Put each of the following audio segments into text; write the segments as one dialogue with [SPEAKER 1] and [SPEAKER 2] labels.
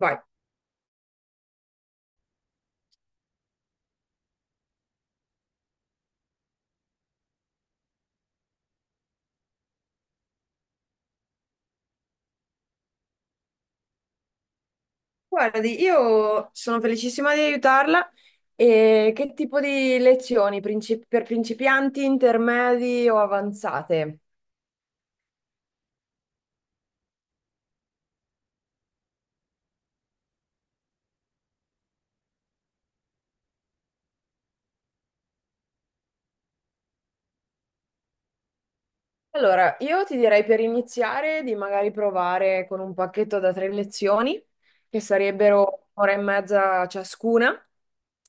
[SPEAKER 1] Vai. Guardi, io sono felicissima di aiutarla. E che tipo di lezioni? Per principianti, intermedi o avanzate? Allora, io ti direi per iniziare di magari provare con un pacchetto da tre lezioni, che sarebbero ora e mezza ciascuna,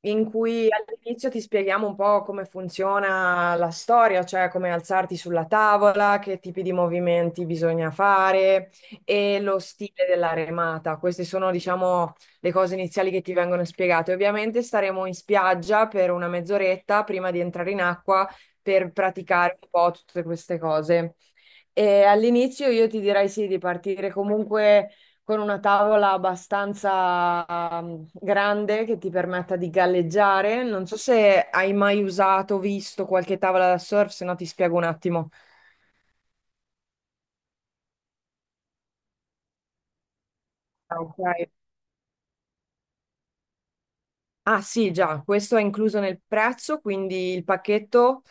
[SPEAKER 1] in cui all'inizio ti spieghiamo un po' come funziona la storia, cioè come alzarti sulla tavola, che tipi di movimenti bisogna fare e lo stile della remata. Queste sono, diciamo, le cose iniziali che ti vengono spiegate. Ovviamente staremo in spiaggia per una mezz'oretta prima di entrare in acqua per praticare un po' tutte queste cose. E all'inizio io ti direi sì, di partire comunque con una tavola abbastanza grande che ti permetta di galleggiare. Non so se hai mai usato, visto qualche tavola da surf, se no ti spiego un attimo. Ah, ok. Ah sì, già, questo è incluso nel prezzo, quindi il pacchetto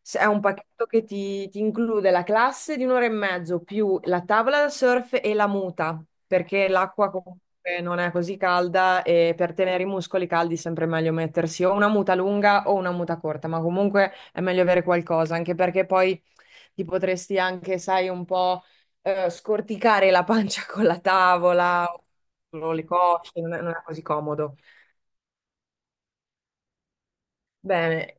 [SPEAKER 1] se- è un pacchetto che ti include la classe di un'ora e mezzo più la tavola da surf e la muta, perché l'acqua comunque non è così calda e per tenere i muscoli caldi è sempre meglio mettersi o una muta lunga o una muta corta, ma comunque è meglio avere qualcosa, anche perché poi ti potresti anche, sai, un po' scorticare la pancia con la tavola o le cosce, non è così comodo. Bene,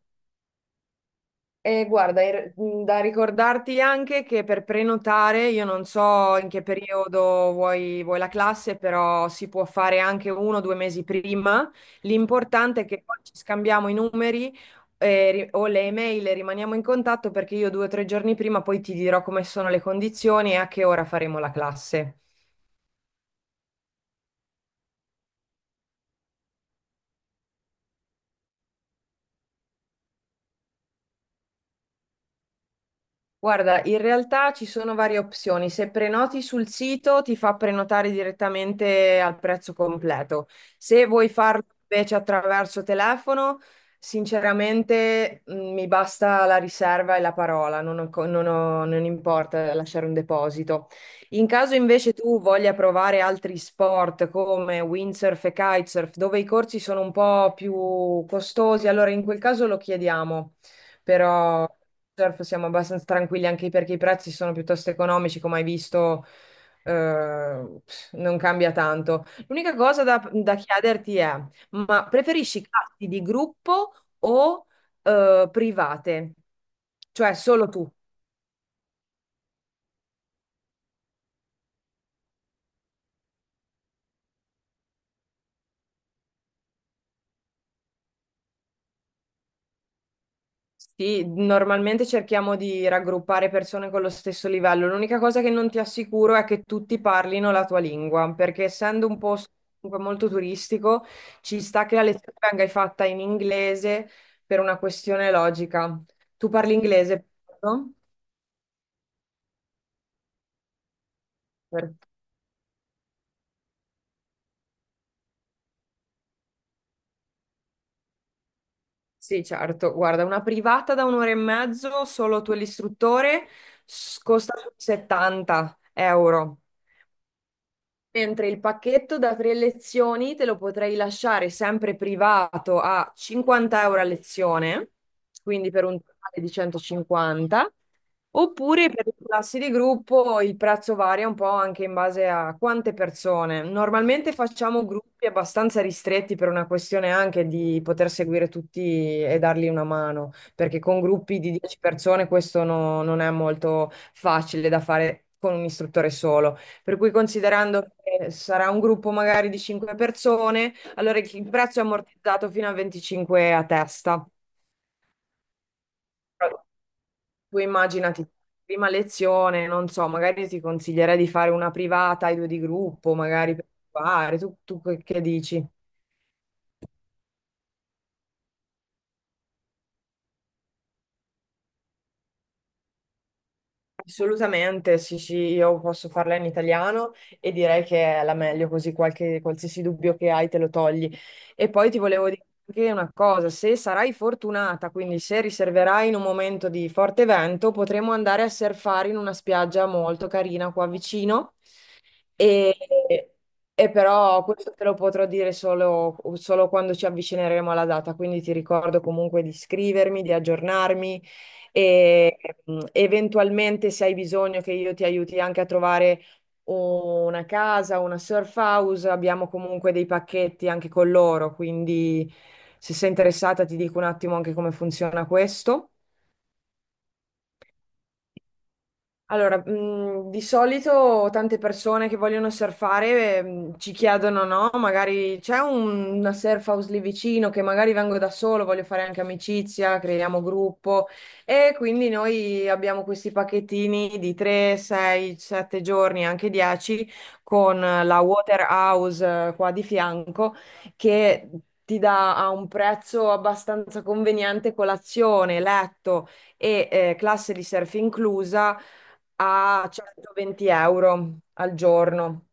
[SPEAKER 1] e guarda, da ricordarti anche che per prenotare, io non so in che periodo vuoi la classe, però si può fare anche uno o due mesi prima. L'importante è che poi ci scambiamo i numeri, o le email e rimaniamo in contatto perché io due o tre giorni prima poi ti dirò come sono le condizioni e a che ora faremo la classe. Guarda, in realtà ci sono varie opzioni. Se prenoti sul sito ti fa prenotare direttamente al prezzo completo. Se vuoi farlo invece attraverso telefono, sinceramente mi basta la riserva e la parola, non ho co- non ho- non importa lasciare un deposito. In caso invece tu voglia provare altri sport come windsurf e kitesurf, dove i corsi sono un po' più costosi, allora in quel caso lo chiediamo, però surf siamo abbastanza tranquilli anche perché i prezzi sono piuttosto economici, come hai visto, eh, non cambia tanto. L'unica cosa da chiederti è, ma preferisci classi di gruppo o private? Cioè solo tu? Sì, normalmente cerchiamo di raggruppare persone con lo stesso livello. L'unica cosa che non ti assicuro è che tutti parlino la tua lingua, perché essendo un posto comunque molto turistico, ci sta che la lezione venga fatta in inglese per una questione logica. Tu parli inglese, no? Per- Sì, certo. Guarda, una privata da un'ora e mezzo, solo tu e l'istruttore, costa 70 euro. Mentre il pacchetto da tre lezioni te lo potrei lasciare sempre privato a 50 euro a lezione, quindi per un totale di 150, oppure per le classi di gruppo il prezzo varia un po' anche in base a quante persone. Normalmente facciamo gruppi abbastanza ristretti per una questione anche di poter seguire tutti e dargli una mano, perché con gruppi di 10 persone questo non è molto facile da fare con un istruttore solo. Per cui considerando che sarà un gruppo magari di 5 persone, allora il prezzo è ammortizzato fino a 25 a testa. Però tu immaginati, prima lezione, non so, magari ti consiglierei di fare una privata, i due di gruppo, magari per provare. Tu, tu che dici? Assolutamente, sì, sì, io posso farla in italiano e direi che è la meglio, così qualche, qualsiasi dubbio che hai te lo togli. E poi ti volevo dire anche una cosa, se sarai fortunata, quindi se riserverai in un momento di forte vento, potremo andare a surfare in una spiaggia molto carina qua vicino e, e però questo te lo potrò dire solo, solo quando ci avvicineremo alla data, quindi ti ricordo comunque di iscrivermi, di aggiornarmi e eventualmente se hai bisogno che io ti aiuti anche a trovare una casa, una surf house, abbiamo comunque dei pacchetti anche con loro, quindi se sei interessata ti dico un attimo anche come funziona questo. Allora, di solito tante persone che vogliono surfare, ci chiedono, no? Magari una surf house lì vicino che magari vengo da solo, voglio fare anche amicizia, creiamo gruppo e quindi noi abbiamo questi pacchettini di 3, 6, 7 giorni, anche 10 con la Water House qua di fianco che ti dà a un prezzo abbastanza conveniente colazione, letto e classe di surf inclusa a 120 euro al giorno.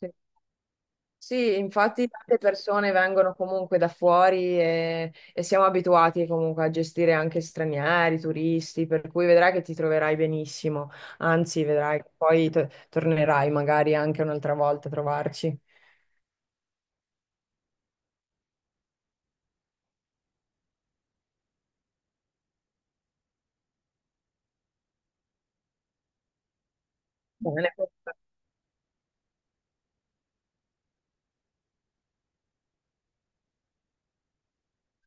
[SPEAKER 1] Sì. Sì, infatti tante persone vengono comunque da fuori e siamo abituati comunque a gestire anche stranieri, turisti, per cui vedrai che ti troverai benissimo. Anzi, vedrai che poi tornerai magari anche un'altra volta a trovarci. Bene.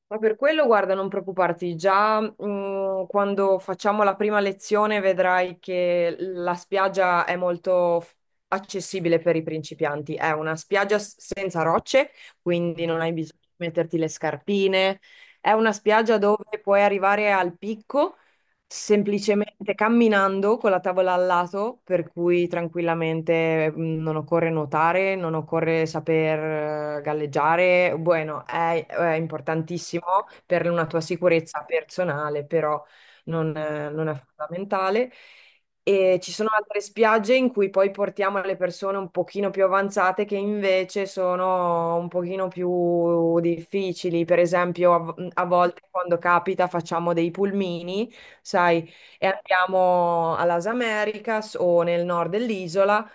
[SPEAKER 1] Ma per quello, guarda, non preoccuparti, già quando facciamo la prima lezione vedrai che la spiaggia è molto accessibile per i principianti. È una spiaggia senza rocce, quindi non hai bisogno di metterti le scarpine. È una spiaggia dove puoi arrivare al picco semplicemente camminando con la tavola al lato, per cui tranquillamente non occorre nuotare, non occorre saper galleggiare. Bueno, è importantissimo per una tua sicurezza personale, però non è fondamentale. E ci sono altre spiagge in cui poi portiamo le persone un pochino più avanzate che invece sono un pochino più difficili. Per esempio, a volte quando capita facciamo dei pulmini, sai, e andiamo a Las Americas o nel nord dell'isola,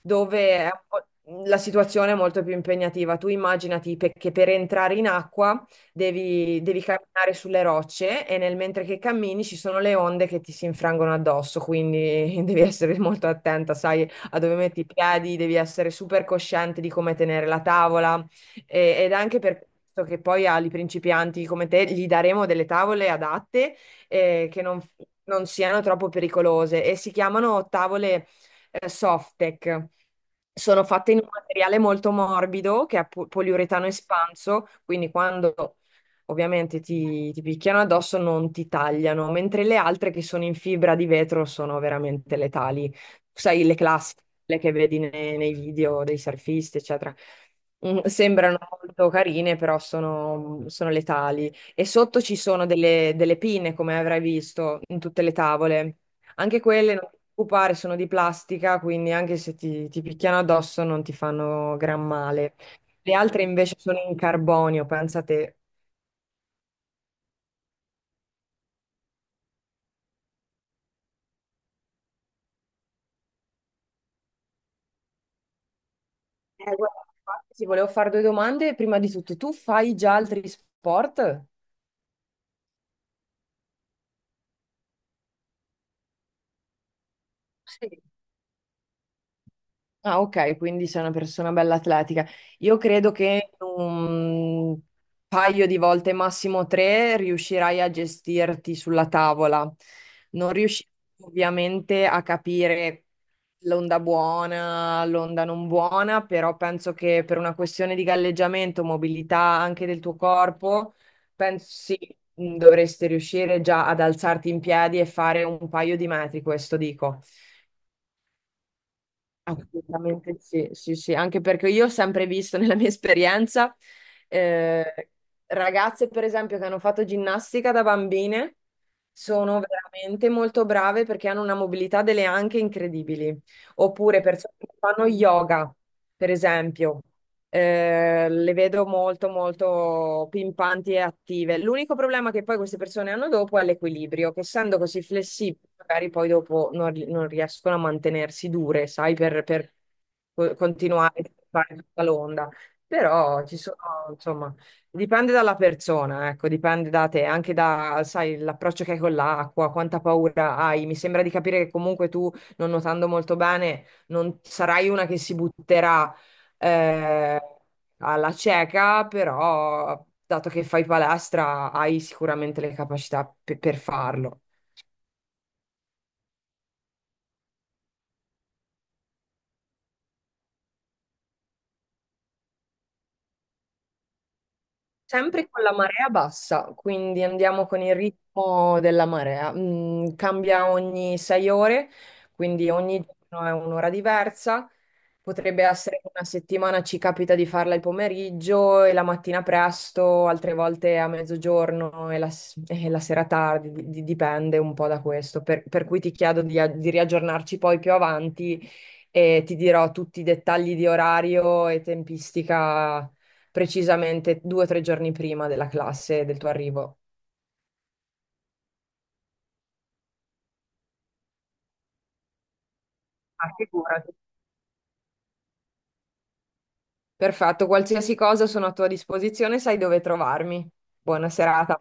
[SPEAKER 1] dove è un po', la situazione è molto più impegnativa. Tu immaginati che per entrare in acqua devi camminare sulle rocce e nel mentre che cammini ci sono le onde che ti si infrangono addosso, quindi devi essere molto attenta, sai, a dove metti i piedi, devi essere super cosciente di come tenere la tavola ed è anche per questo che poi agli principianti come te gli daremo delle tavole adatte, che non, non siano troppo pericolose e si chiamano tavole Softec. Sono fatte in un materiale molto morbido che è poliuretano espanso, quindi quando ovviamente ti picchiano addosso non ti tagliano, mentre le altre che sono in fibra di vetro sono veramente letali. Sai, le classiche quelle che vedi nei video dei surfisti, eccetera. Sembrano molto carine, però sono letali. E sotto ci sono delle pinne, come avrai visto, in tutte le tavole. Anche quelle, non ti preoccupare, sono di plastica, quindi anche se ti picchiano addosso non ti fanno gran male. Le altre invece sono in carbonio, pensa te. Guarda, infatti, ti volevo fare due domande. Prima di tutto, tu fai già altri sport? Sì. Ah, ok, quindi sei una persona bella atletica. Io credo che in un paio di volte, massimo tre, riuscirai a gestirti sulla tavola. Non riuscirai ovviamente a capire l'onda buona, l'onda non buona, però penso che per una questione di galleggiamento, mobilità anche del tuo corpo, penso sì, dovresti riuscire già ad alzarti in piedi e fare un paio di metri, questo dico. Assolutamente sì, sì, sì, anche perché io ho sempre visto nella mia esperienza eh, ragazze, per esempio, che hanno fatto ginnastica da bambine, sono veramente molto brave perché hanno una mobilità delle anche incredibili. Oppure persone che fanno yoga, per esempio. Le vedo molto, molto pimpanti e attive. L'unico problema che poi queste persone hanno dopo è l'equilibrio, che essendo così flessibili, magari poi dopo non riescono a mantenersi dure, sai, per continuare a fare tutta l'onda. Però ci sono, insomma, dipende dalla persona, ecco, dipende da te, anche da, sai, l'approccio che hai con l'acqua, quanta paura hai. Mi sembra di capire che comunque tu, non nuotando molto bene, non sarai una che si butterà eh, alla cieca, però dato che fai palestra hai sicuramente le capacità per farlo. Sempre con la marea bassa, quindi andiamo con il ritmo della marea. Cambia ogni 6 ore, quindi ogni giorno è un'ora diversa. Potrebbe essere che una settimana ci capita di farla il pomeriggio e la mattina presto, altre volte a mezzogiorno e e la sera tardi, dipende un po' da questo. Per cui ti chiedo di riaggiornarci poi più avanti e ti dirò tutti i dettagli di orario e tempistica precisamente due o tre giorni prima della classe del tuo arrivo. Ah, figurati. Perfetto, qualsiasi cosa sono a tua disposizione, sai dove trovarmi. Buona serata.